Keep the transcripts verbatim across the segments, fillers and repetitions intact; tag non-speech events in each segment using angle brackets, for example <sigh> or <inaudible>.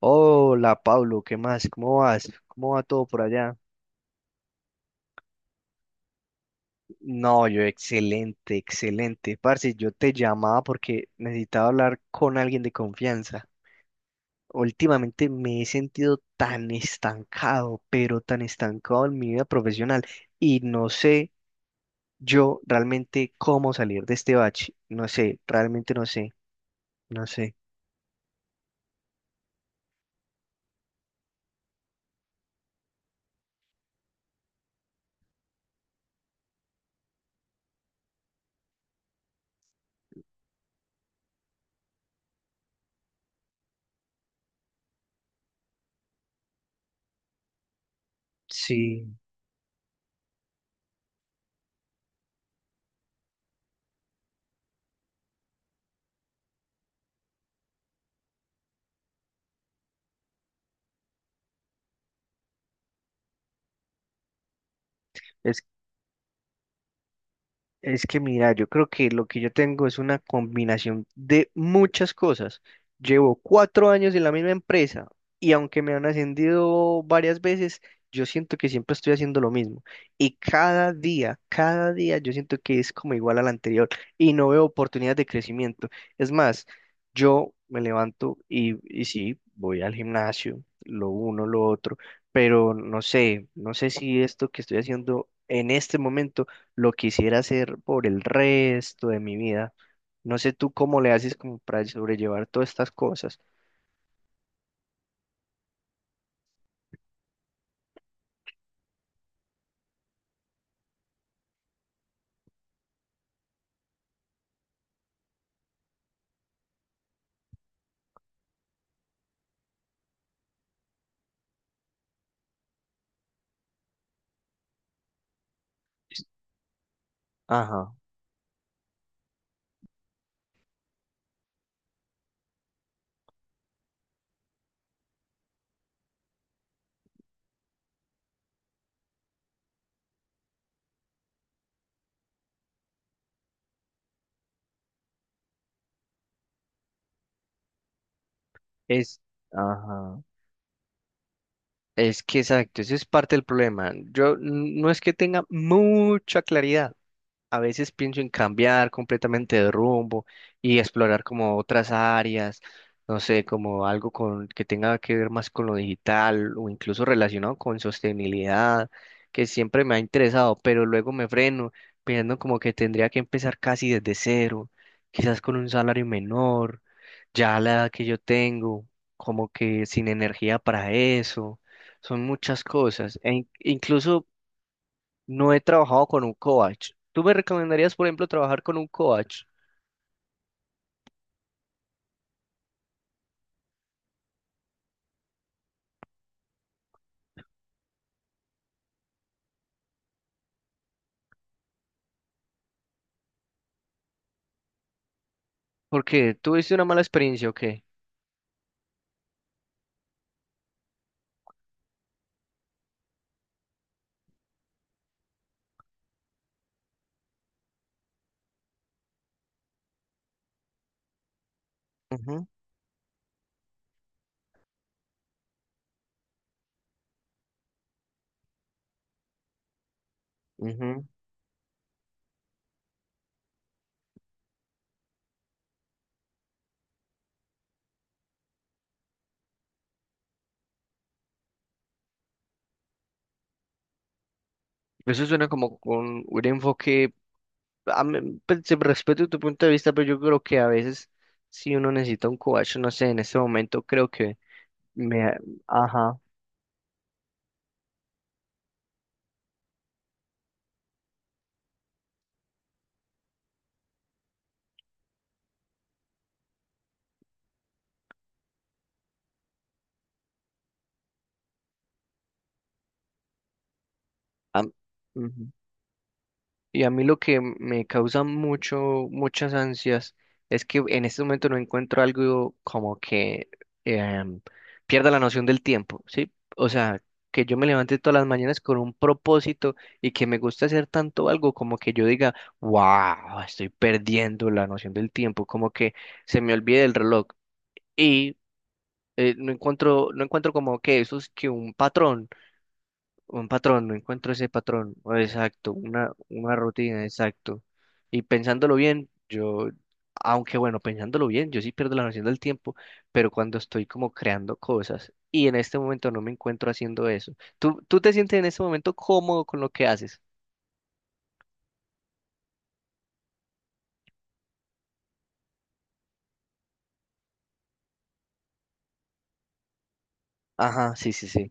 Hola Pablo, ¿qué más? ¿Cómo vas? ¿Cómo va todo por allá? No, yo excelente, excelente. Parce, yo te llamaba porque necesitaba hablar con alguien de confianza. Últimamente me he sentido tan estancado, pero tan estancado en mi vida profesional y no sé yo realmente cómo salir de este bache. No sé, realmente no sé, no sé. Sí. Es que mira, yo creo que lo que yo tengo es una combinación de muchas cosas. Llevo cuatro años en la misma empresa y aunque me han ascendido varias veces, yo siento que siempre estoy haciendo lo mismo. Y cada día, cada día yo siento que es como igual al anterior y no veo oportunidades de crecimiento. Es más, yo me levanto y, y sí, voy al gimnasio, lo uno, lo otro, pero no sé, no sé si esto que estoy haciendo en este momento lo quisiera hacer por el resto de mi vida. No sé tú cómo le haces como para sobrellevar todas estas cosas. Ajá, es, ajá, es que exacto, eso es parte del problema. Yo n- no es que tenga mucha claridad. A veces pienso en cambiar completamente de rumbo y explorar como otras áreas, no sé, como algo con, que tenga que ver más con lo digital o incluso relacionado con sostenibilidad, que siempre me ha interesado, pero luego me freno pensando como que tendría que empezar casi desde cero, quizás con un salario menor, ya a la edad que yo tengo, como que sin energía para eso, son muchas cosas, e in- incluso no he trabajado con un coach. ¿Tú me recomendarías, por ejemplo, trabajar con un coach? ¿Porque tuviste una mala experiencia o qué? Ujú, ujú. Eso suena como con un enfoque, a mí, pues, se- respeto tu punto de vista, pero yo creo que a veces si uno necesita un coach, no sé, en este momento creo que me, ajá, am- ujú. Y a mí lo que me causa mucho, muchas ansias es que en este momento no encuentro algo como que em, pierda la noción del tiempo, ¿sí? O sea, que yo me levante todas las mañanas con un propósito y que me gusta hacer tanto algo como que yo diga, wow, estoy perdiendo la noción del tiempo, como que se me olvide el reloj y eh, no encuentro, no encuentro como que eso es que un patrón. Un patrón, no encuentro ese patrón. O exacto, una, una rutina, exacto. Y pensándolo bien, yo, aunque bueno, pensándolo bien, yo sí pierdo la noción del tiempo, pero cuando estoy como creando cosas y en este momento no me encuentro haciendo eso. ¿Tú, tú te sientes en este momento cómodo con lo que haces? Ajá, sí, sí, sí.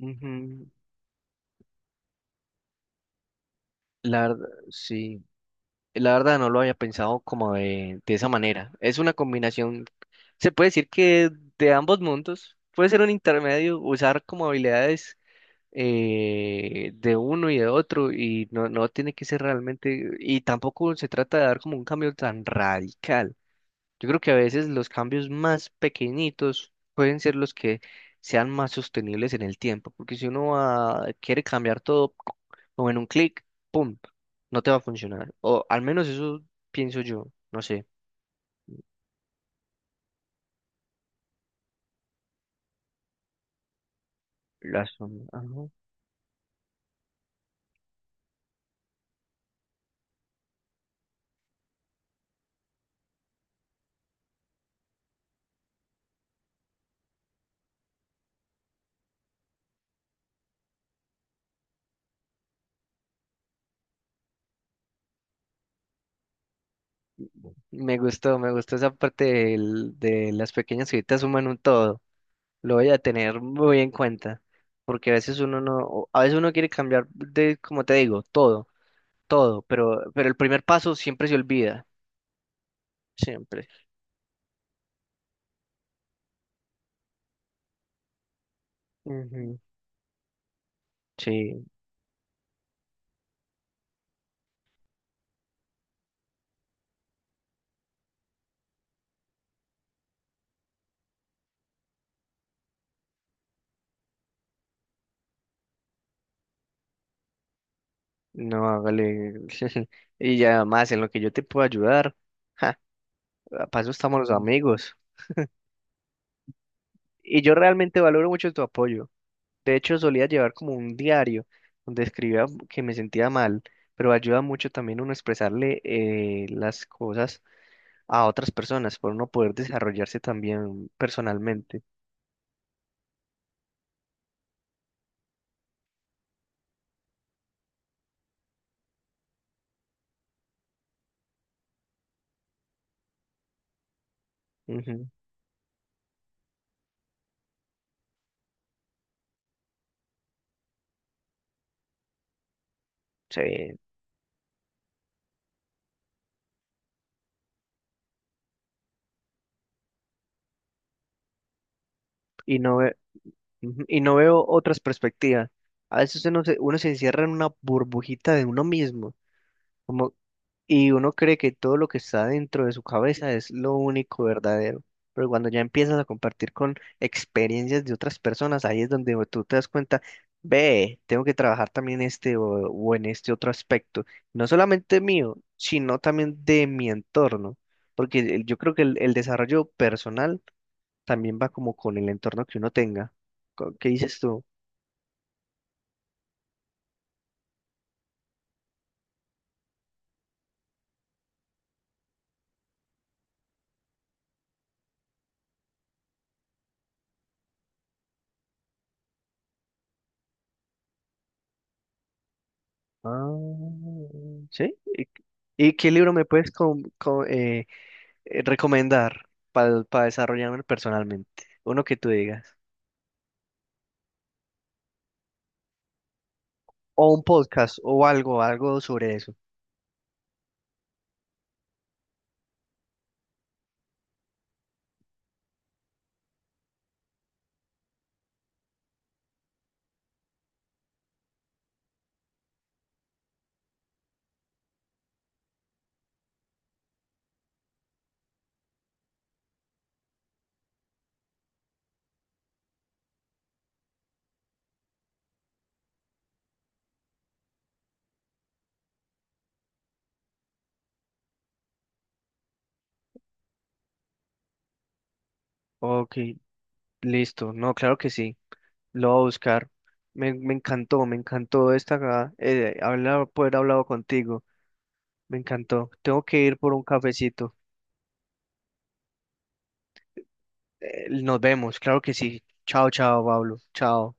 Ujú. La verdad, sí. La verdad no lo había pensado como de, de esa manera. Es una combinación, se puede decir que de ambos mundos. Puede ser un intermedio, usar como habilidades eh, de uno y de otro y no, no tiene que ser realmente, y tampoco se trata de dar como un cambio tan radical. Yo creo que a veces los cambios más pequeñitos pueden ser los que sean más sostenibles en el tiempo, porque si uno ah, quiere cambiar todo c- como en un clic, ¡pum!, no te va a funcionar. O al menos eso pienso yo, no sé. Las, ajá. Me gustó, me gustó esa parte del- de las pequeñas cositas suman un todo. Lo voy a tener muy en cuenta, porque a veces uno no, o a veces uno quiere cambiar de, como te digo, todo, todo, pero, pero el primer paso siempre se olvida. Siempre. Ujú. Sí, no, hágale. <laughs> Y ya más en lo que yo te puedo ayudar. Ja, para eso estamos los amigos. Y yo realmente valoro mucho tu apoyo. De hecho, solía llevar como un diario donde escribía que me sentía mal, pero ayuda mucho también uno a expresarle eh, las cosas a otras personas, por uno poder desarrollarse también personalmente. Ujú. Sí, y no, ve- ujú, y no veo otras perspectivas. A veces uno se, uno se encierra en una burbujita de uno mismo. Como, y uno cree que todo lo que está dentro de su cabeza es lo único verdadero, pero cuando ya empiezas a compartir con experiencias de otras personas, ahí es donde tú te das cuenta, ve, tengo que trabajar también este o, o en este otro aspecto, no solamente mío, sino también de mi entorno, porque el- yo creo que el, el desarrollo personal también va como con el entorno que uno tenga. Co- ¿Qué dices tú? Ah, ¿sí? ¿Y, y qué libro me puedes com- co- eh, eh, recomendar para desarrollarme personalmente? Uno que tú digas. O un podcast o algo, algo sobre eso. Ok, listo. No, claro que sí. Lo voy a buscar. Me, me encantó, me encantó esta, eh, hablar, poder hablado contigo. Me encantó. Tengo que ir por un cafecito. Eh, nos vemos, claro que sí. Chao, chao, Pablo. Chao.